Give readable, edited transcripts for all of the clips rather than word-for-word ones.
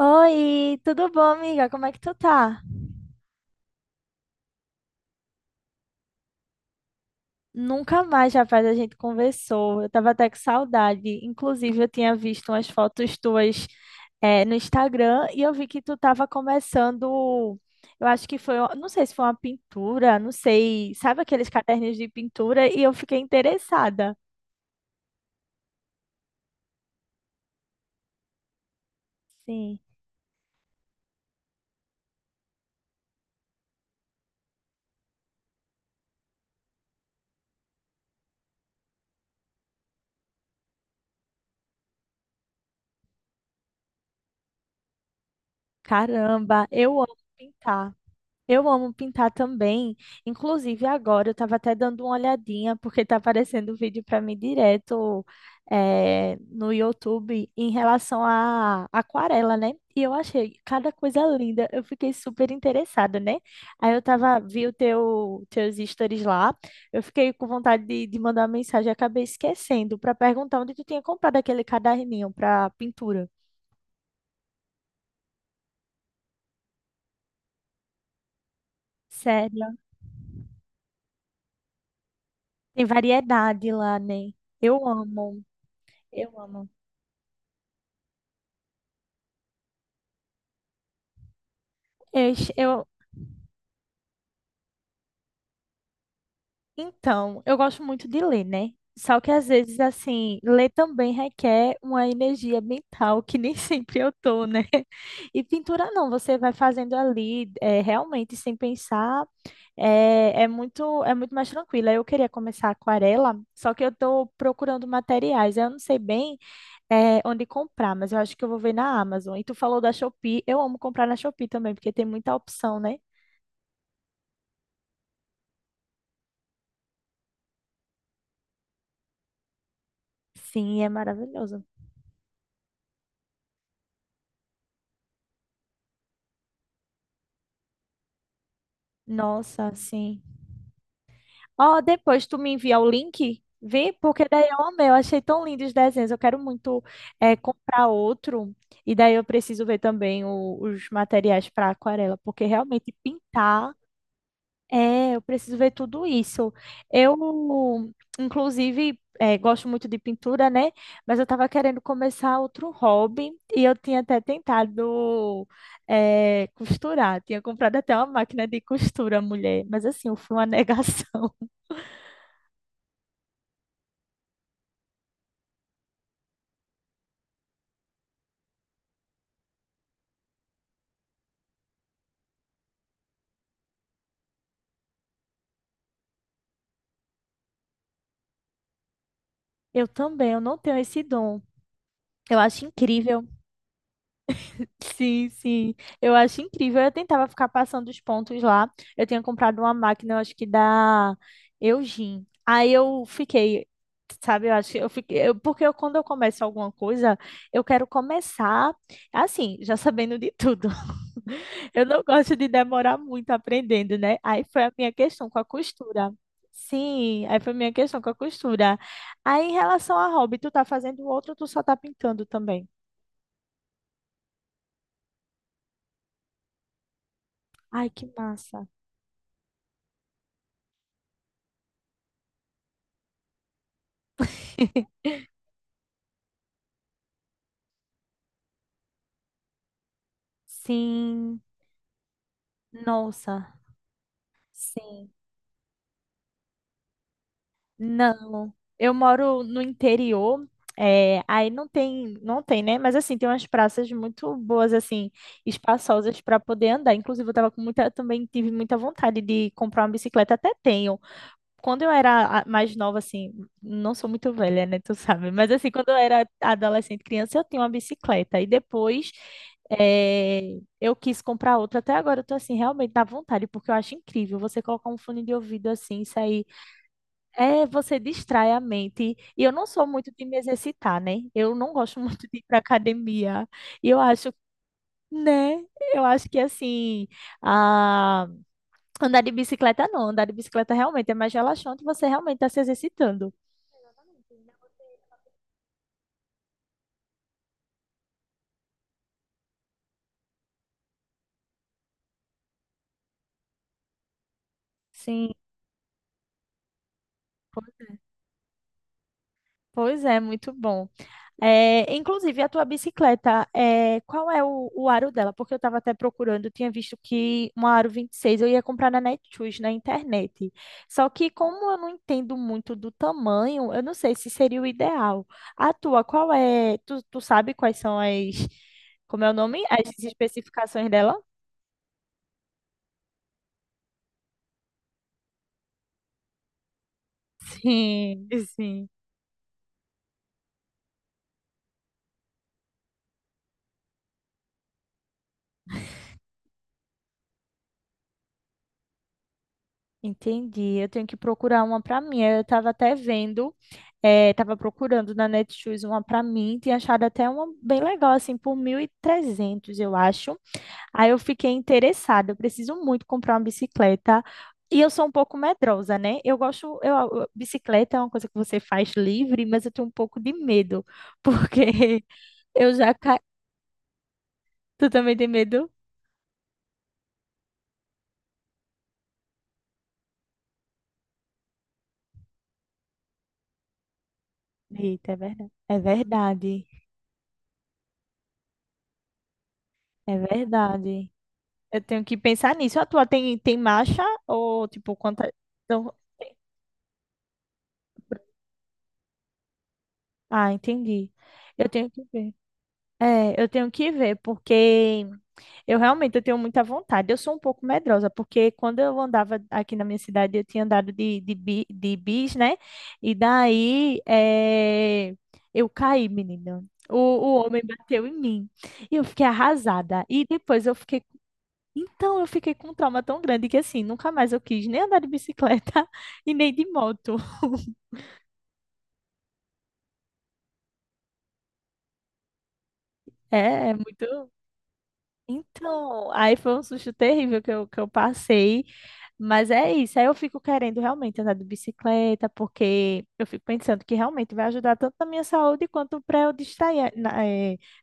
Oi, tudo bom, amiga? Como é que tu tá? Nunca mais, rapaz, a gente conversou. Eu tava até com saudade. Inclusive, eu tinha visto umas fotos tuas, no Instagram e eu vi que tu tava começando. Eu acho que foi, não sei se foi uma pintura, não sei. Sabe aqueles caderninhos de pintura? E eu fiquei interessada. Sim. Caramba, eu amo pintar. Eu amo pintar também. Inclusive, agora eu estava até dando uma olhadinha, porque está aparecendo vídeo para mim direto no YouTube em relação à aquarela, né? E eu achei cada coisa linda. Eu fiquei super interessada, né? Aí eu tava, vi o teus stories lá. Eu fiquei com vontade de mandar uma mensagem, e acabei esquecendo para perguntar onde tu tinha comprado aquele caderninho para pintura. Sério? Tem variedade lá, né? Eu amo. Eu amo. Eu, es- eu- então, eu gosto muito de ler, né? Só que às vezes, assim, ler também requer uma energia mental que nem sempre eu tô, né? E pintura não, você vai fazendo ali, realmente sem pensar, é muito mais tranquila. Eu queria começar aquarela, só que eu tô procurando materiais. Eu não sei bem, onde comprar, mas eu acho que eu vou ver na Amazon. E tu falou da Shopee, eu amo comprar na Shopee também, porque tem muita opção, né? Sim, é maravilhoso. Nossa, sim. Ó, depois tu me envia o link, vê? Porque daí eu amei, eu achei tão lindo os desenhos. Eu quero muito comprar outro. E daí eu preciso ver também os materiais para aquarela, porque realmente pintar, é, eu preciso ver tudo isso. Eu, inclusive, gosto muito de pintura, né? Mas eu estava querendo começar outro hobby e eu tinha até tentado costurar. Tinha comprado até uma máquina de costura, mulher. Mas assim, eu fui uma negação. Eu também, eu não tenho esse dom. Eu acho incrível. Sim, sim. Eu acho incrível. Eu tentava ficar passando os pontos lá. Eu tinha comprado uma máquina, eu acho que da Eugene. Aí eu fiquei, sabe, eu acho que eu fiquei, quando eu começo alguma coisa, eu quero começar assim, já sabendo de tudo. Eu não gosto de demorar muito aprendendo, né? Aí foi a minha questão com a costura. Sim, aí foi a minha questão com a costura. Aí em relação a hobby, tu tá fazendo outro ou tu só tá pintando também? Ai, que massa. Sim, nossa, sim. Não, eu moro no interior, é, aí não tem, não tem, né? Mas assim, tem umas praças muito boas, assim, espaçosas para poder andar. Inclusive, eu tava com muita, também tive muita vontade de comprar uma bicicleta, até tenho, quando eu era mais nova, assim, não sou muito velha, né? Tu sabe, mas assim, quando eu era adolescente, criança, eu tinha uma bicicleta. E depois eu quis comprar outra. Até agora eu tô assim, realmente dá vontade, porque eu acho incrível você colocar um fone de ouvido assim, sair. É, você distrai a mente. E eu não sou muito de me exercitar, né? Eu não gosto muito de ir pra academia. E eu acho, né? Eu acho que assim. A Andar de bicicleta não, andar de bicicleta realmente é mais relaxante, você realmente está se exercitando. Sim, po- pois é, muito bom. É, inclusive, a tua bicicleta, é, qual é o aro dela? Porque eu estava até procurando, eu tinha visto que uma aro 26 eu ia comprar na Netshoes, na internet. Só que como eu não entendo muito do tamanho, eu não sei se seria o ideal. A tua, qual é? Tu sabe quais são as, como é o nome? As especificações dela? Sim, sim. Entendi. Eu tenho que procurar uma para mim. Eu estava até vendo, estava procurando na Netshoes uma para mim, tinha achado até uma bem legal, assim, por 1.300, eu acho. Aí eu fiquei interessada. Eu preciso muito comprar uma bicicleta. E eu sou um pouco medrosa, né? Eu gosto, bicicleta é uma coisa que você faz livre, mas eu tenho um pouco de medo, porque eu já ca... Tu também tem medo? Eita, é verdade. É verdade. É verdade. Eu tenho que pensar nisso. A tua tem, tem marcha ou tipo quanta. então- Ah, entendi. Eu tenho que ver. É, eu tenho que ver, porque eu realmente eu tenho muita vontade. Eu sou um pouco medrosa, porque quando eu andava aqui na minha cidade, eu tinha andado de bis, né? E daí é, eu caí, menina. O homem bateu em mim. E eu fiquei arrasada. E depois eu fiquei. Então, eu fiquei com um trauma tão grande que, assim, nunca mais eu quis nem andar de bicicleta e nem de moto. É, é muito. Então, aí foi um susto terrível que eu passei, mas é isso. Aí eu fico querendo realmente andar de bicicleta, porque eu fico pensando que realmente vai ajudar tanto na minha saúde quanto para eu distrair,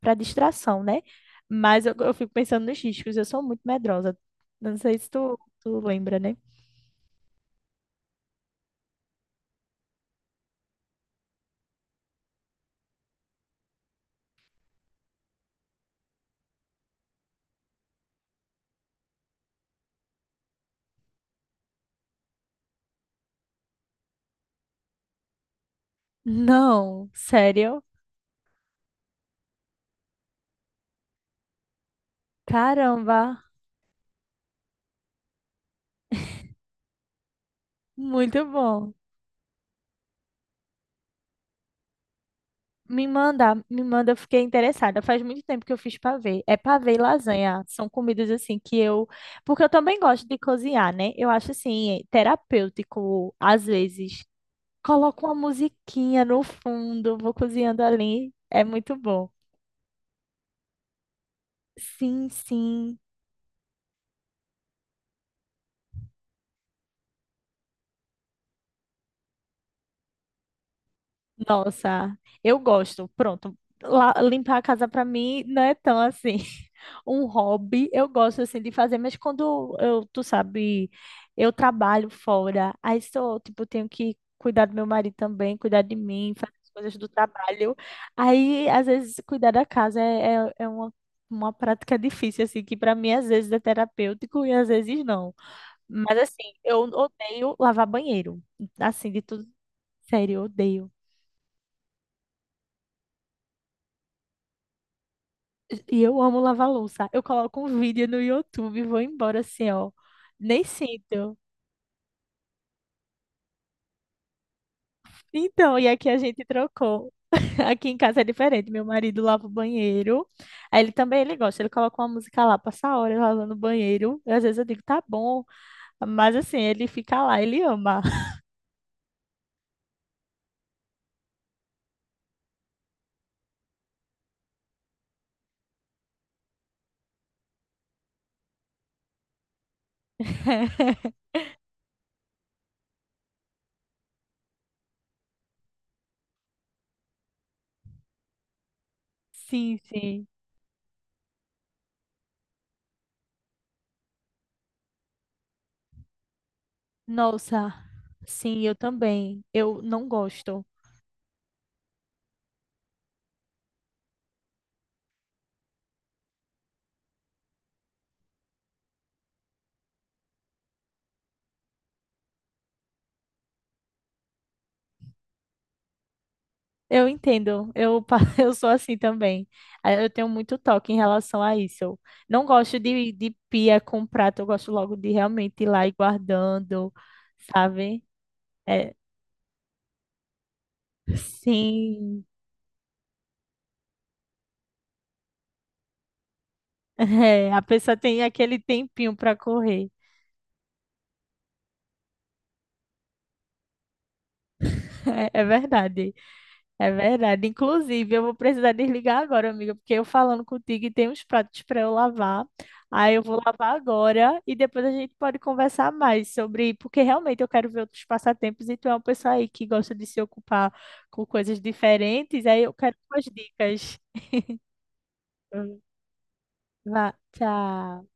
para distração, né? Mas eu fico pensando nos riscos, eu sou muito medrosa. Não sei se tu lembra, né? Não, sério? Caramba. Muito bom. Me manda, eu fiquei interessada. Faz muito tempo que eu fiz pavê. É pavê e lasanha. São comidas assim que eu. Porque eu também gosto de cozinhar, né? Eu acho assim, terapêutico, às vezes. Coloco uma musiquinha no fundo, vou cozinhando ali. É muito bom. Sim, sim. Nossa, eu gosto. Pronto, limpar a casa pra mim não é tão assim um hobby. Eu gosto assim de fazer, mas quando eu, tu sabe, eu trabalho fora, aí sou, tipo, tenho que cuidar do meu marido também, cuidar de mim, fazer as coisas do trabalho. Aí, às vezes, cuidar da casa é uma prática difícil, assim, que pra mim às vezes é terapêutico e às vezes não. Mas assim, eu odeio lavar banheiro. Assim, de tudo, sério, eu odeio. E eu amo lavar louça. Eu coloco um vídeo no YouTube e vou embora assim, ó. Nem sinto. Então, e aqui a gente trocou. Aqui em casa é diferente. Meu marido lava o banheiro. Aí ele também, ele gosta. Ele coloca uma música lá, passa a hora lavando o banheiro. E às vezes eu digo, tá bom. Mas assim, ele fica lá, ele ama. Sim, sim. Nossa, sim, eu também. Eu não gosto. Eu entendo, eu sou assim também. Ah, eu tenho muito toque em relação a isso. Eu não gosto de pia com prato, eu gosto logo de realmente ir lá e guardando, sabe? É, sim, é, a pessoa tem aquele tempinho para correr, é, é verdade. É verdade. Inclusive, eu vou precisar desligar agora, amiga, porque eu falando contigo e tem uns pratos para eu lavar. Aí eu vou lavar agora e depois a gente pode conversar mais sobre, porque realmente eu quero ver outros passatempos e tu é uma pessoa aí que gosta de se ocupar com coisas diferentes, aí eu quero umas dicas. Vá, tchau.